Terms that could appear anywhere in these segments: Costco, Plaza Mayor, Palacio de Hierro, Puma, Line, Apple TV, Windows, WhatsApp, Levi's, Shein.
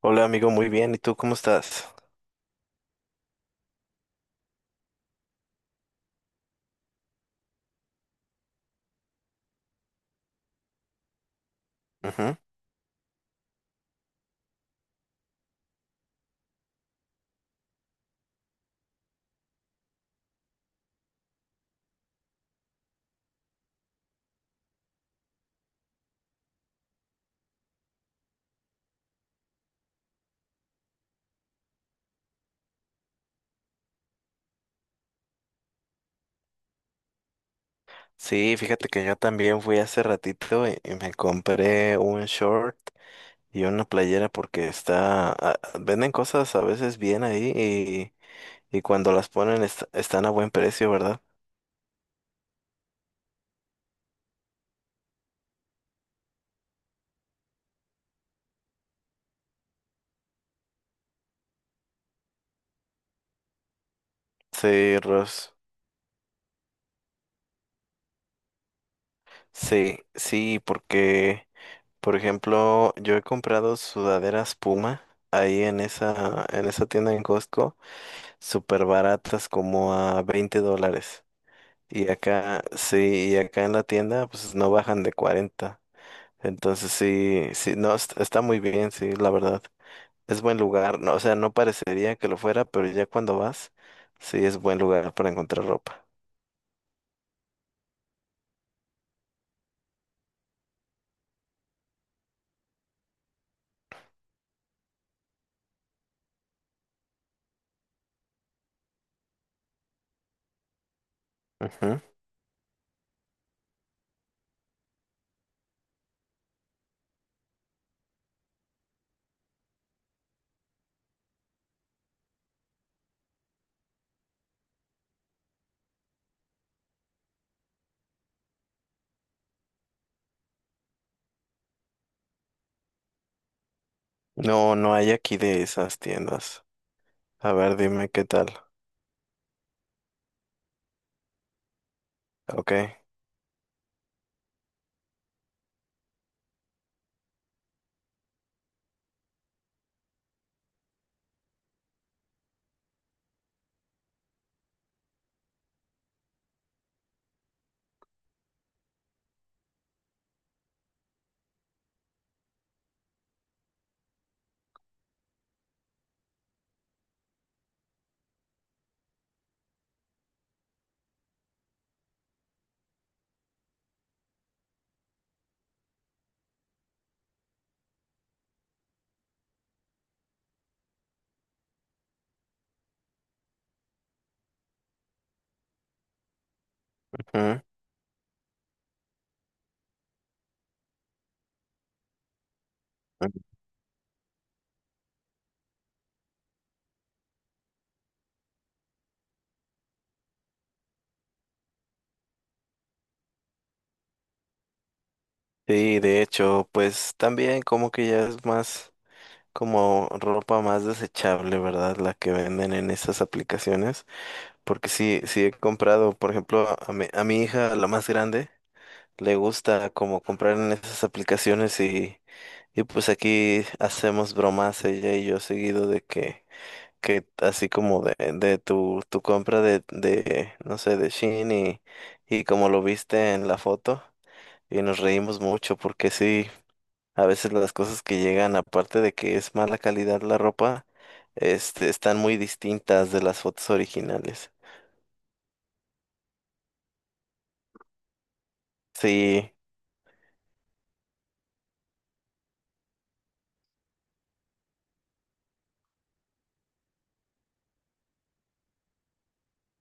Hola amigo, muy bien. ¿Y tú cómo estás? Ujú. Sí, fíjate que yo también fui hace ratito y me compré un short y una playera porque venden cosas a veces bien ahí y cuando las ponen están a buen precio, ¿verdad? Sí, Ros. Sí, sí, porque, por ejemplo, yo he comprado sudaderas Puma ahí en esa tienda en Costco, súper baratas como a 20 dólares. Y acá, sí, y acá en la tienda, pues no bajan de 40. Entonces sí, sí, no, está muy bien, sí, la verdad. Es buen lugar, no, o sea, no parecería que lo fuera, pero ya cuando vas, sí es buen lugar para encontrar ropa. Ujú. No, no hay aquí de esas tiendas. A ver, dime qué tal. Ok. Ujú. Sí, de hecho, pues también como que ya es más como ropa más desechable, ¿verdad? La que venden en esas aplicaciones. Porque sí, sí he comprado, por ejemplo, a mi hija, la más grande, le gusta como comprar en esas aplicaciones y pues aquí hacemos bromas ella y yo seguido de que así como de tu compra de no sé, de Shein y como lo viste en la foto y nos reímos mucho porque sí, a veces las cosas que llegan, aparte de que es mala calidad la ropa, están muy distintas de las fotos originales. Sí,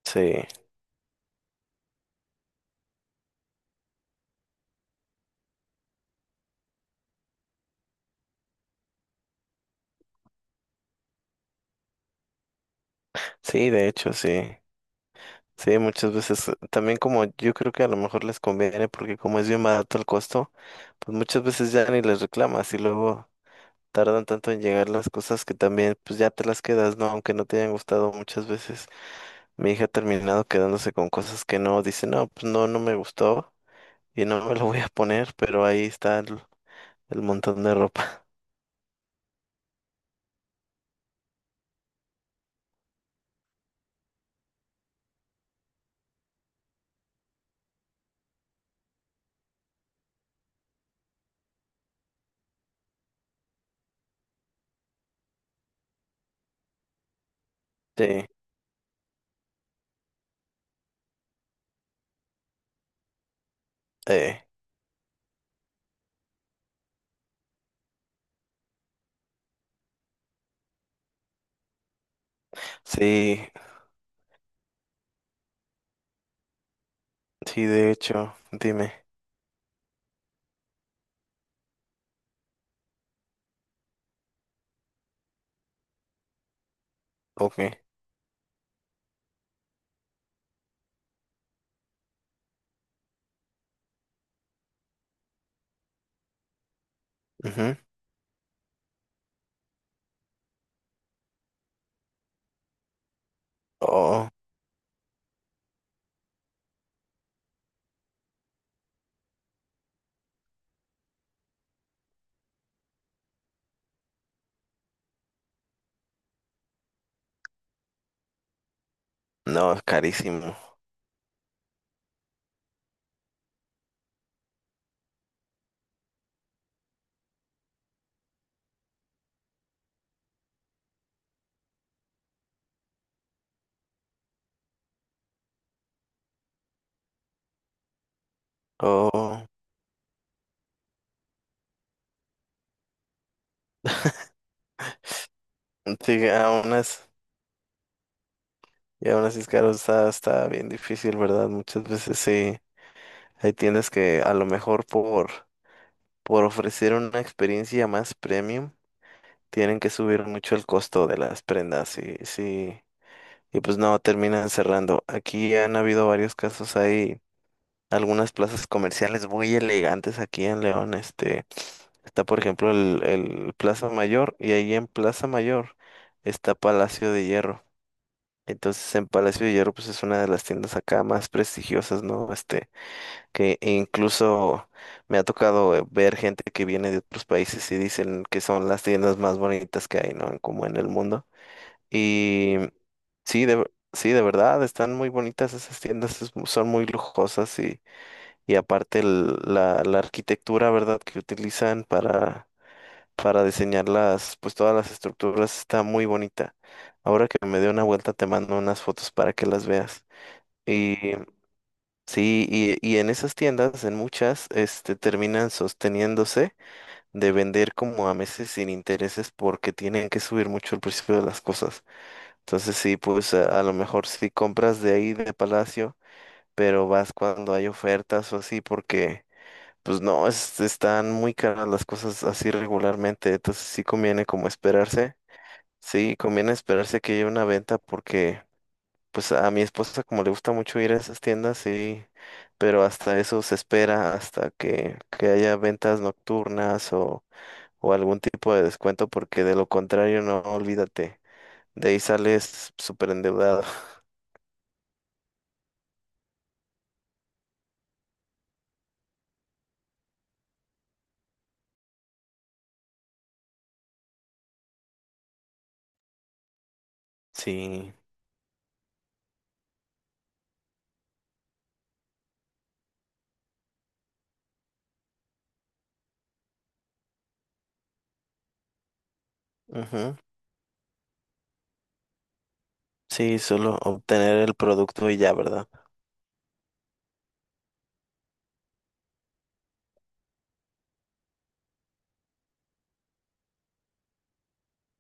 sí. Sí, de hecho, sí. Sí, muchas veces también como yo creo que a lo mejor les conviene porque como es bien barato el costo, pues muchas veces ya ni les reclamas y luego tardan tanto en llegar las cosas que también pues ya te las quedas, ¿no? Aunque no te hayan gustado muchas veces. Mi hija ha terminado quedándose con cosas que no, dice, no, pues no, no me gustó y no me lo voy a poner, pero ahí está el montón de ropa. Sí, eh, sí, sí, de hecho, dime, ok. Ujú. Oh. No, es carísimo. Oh, sí, aún así, y aún así es caro, está bien difícil, ¿verdad? Muchas veces sí, hay tiendas que a lo mejor por ofrecer una experiencia más premium, tienen que subir mucho el costo de las prendas, y, sí, y pues no, terminan cerrando. Aquí han habido varios casos, hay algunas plazas comerciales muy elegantes aquí en León, está, por ejemplo, el Plaza Mayor y ahí en Plaza Mayor está Palacio de Hierro. Entonces en Palacio de Hierro pues es una de las tiendas acá más prestigiosas, ¿no? Este, que incluso me ha tocado ver gente que viene de otros países y dicen que son las tiendas más bonitas que hay, ¿no? Como en el mundo. Y sí, sí, de verdad, están muy bonitas esas tiendas, es son muy lujosas y aparte la arquitectura, ¿verdad? Que utilizan para diseñar las, pues todas las estructuras está muy bonita. Ahora que me dé una vuelta te mando unas fotos para que las veas. Y sí, y en esas tiendas, en muchas, este, terminan sosteniéndose de vender como a meses sin intereses porque tienen que subir mucho el precio de las cosas. Entonces sí, pues a lo mejor sí compras de ahí de Palacio, pero vas cuando hay ofertas o así porque pues no, están muy caras las cosas así regularmente. Entonces sí conviene como esperarse. Sí, conviene esperarse que haya una venta porque pues a mi esposa como le gusta mucho ir a esas tiendas, sí, pero hasta eso se espera, hasta que haya ventas nocturnas o algún tipo de descuento, porque de lo contrario, no, olvídate, de ahí sales súper endeudado. Sí, ujú, sí, solo obtener el producto y ya, ¿verdad?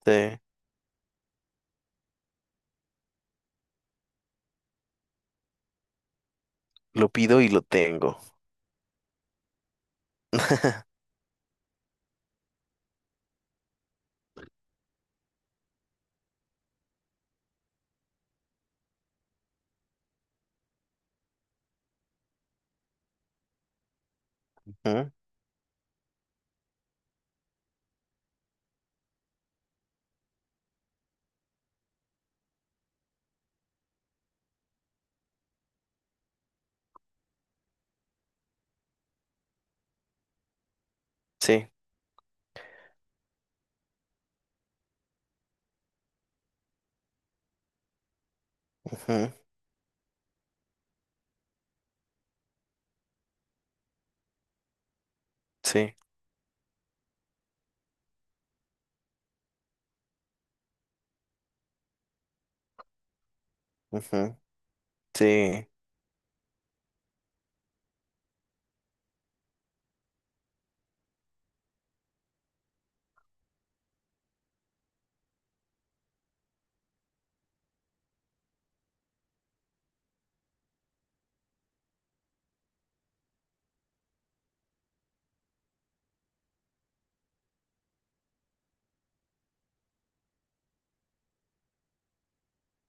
Te lo pido y lo tengo. Ujú, sí, ujú, sí, ujú, sí,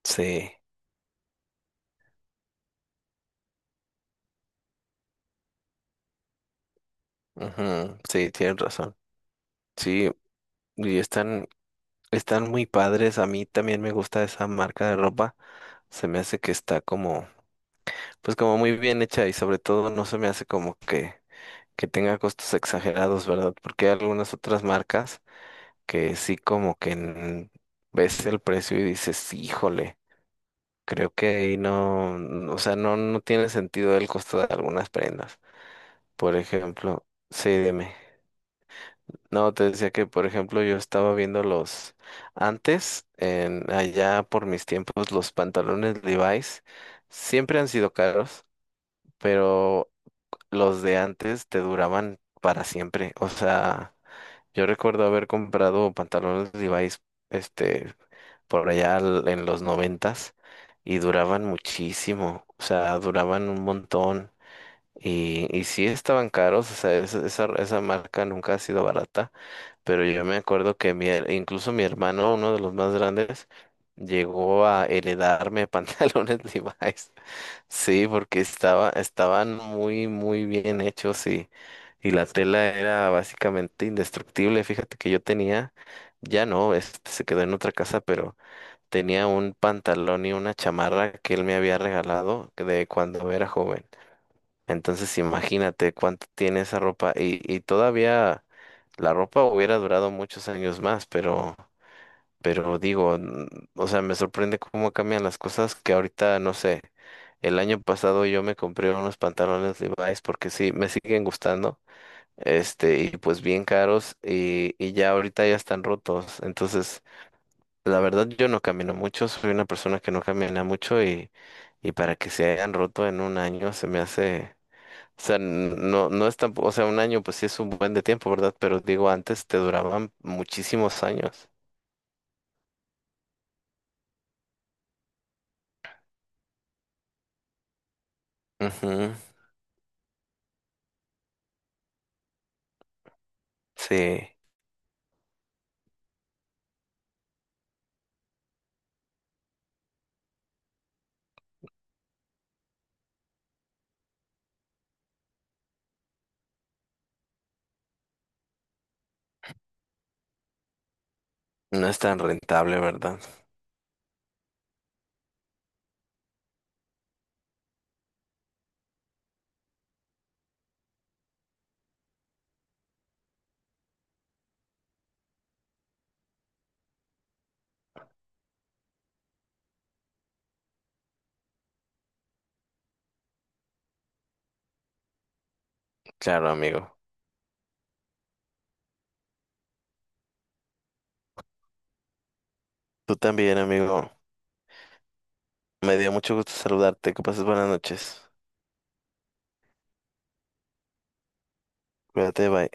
sí, ujú, sí, tienes razón. Sí, y están Están muy padres, a mí también me gusta esa marca de ropa, se me hace que está como, pues como muy bien hecha y sobre todo no se me hace como que tenga costos exagerados, ¿verdad? Porque hay algunas otras marcas que sí como que ves el precio y dices, híjole, creo que ahí no, o sea, no, no tiene sentido el costo de algunas prendas. Por ejemplo, sí, dime. No, te decía que, por ejemplo, yo estaba viendo los antes, en allá por mis tiempos, los pantalones Levi's siempre han sido caros, pero los de antes te duraban para siempre. O sea, yo recuerdo haber comprado pantalones Levi's, este, por allá en los 90 y duraban muchísimo. O sea, duraban un montón y sí estaban caros. O sea, esa esa marca nunca ha sido barata, pero yo me acuerdo que incluso mi hermano, uno de los más grandes, llegó a heredarme pantalones Levi's. Sí, porque estaban muy, muy bien hechos y la tela era básicamente indestructible. Fíjate que yo tenía, ya no, este se quedó en otra casa, pero tenía un pantalón y una chamarra que él me había regalado de cuando era joven. Entonces imagínate cuánto tiene esa ropa y todavía la ropa hubiera durado muchos años más, pero digo, o sea, me sorprende cómo cambian las cosas que ahorita, no sé, el año pasado yo me compré unos pantalones Levi's porque sí, me siguen gustando, este, y pues bien caros y ya ahorita ya están rotos. Entonces, la verdad yo no camino mucho, soy una persona que no camina mucho y para que se hayan roto en 1 año se me hace... O sea, no, no es tampoco, o sea, 1 año pues sí es un buen de tiempo, ¿verdad? Pero digo, antes te duraban muchísimos años. Ujú, sí, no es tan rentable, ¿verdad? Claro, amigo. Tú también, amigo. Me dio mucho gusto saludarte. Que pases buenas noches. Cuídate, bye.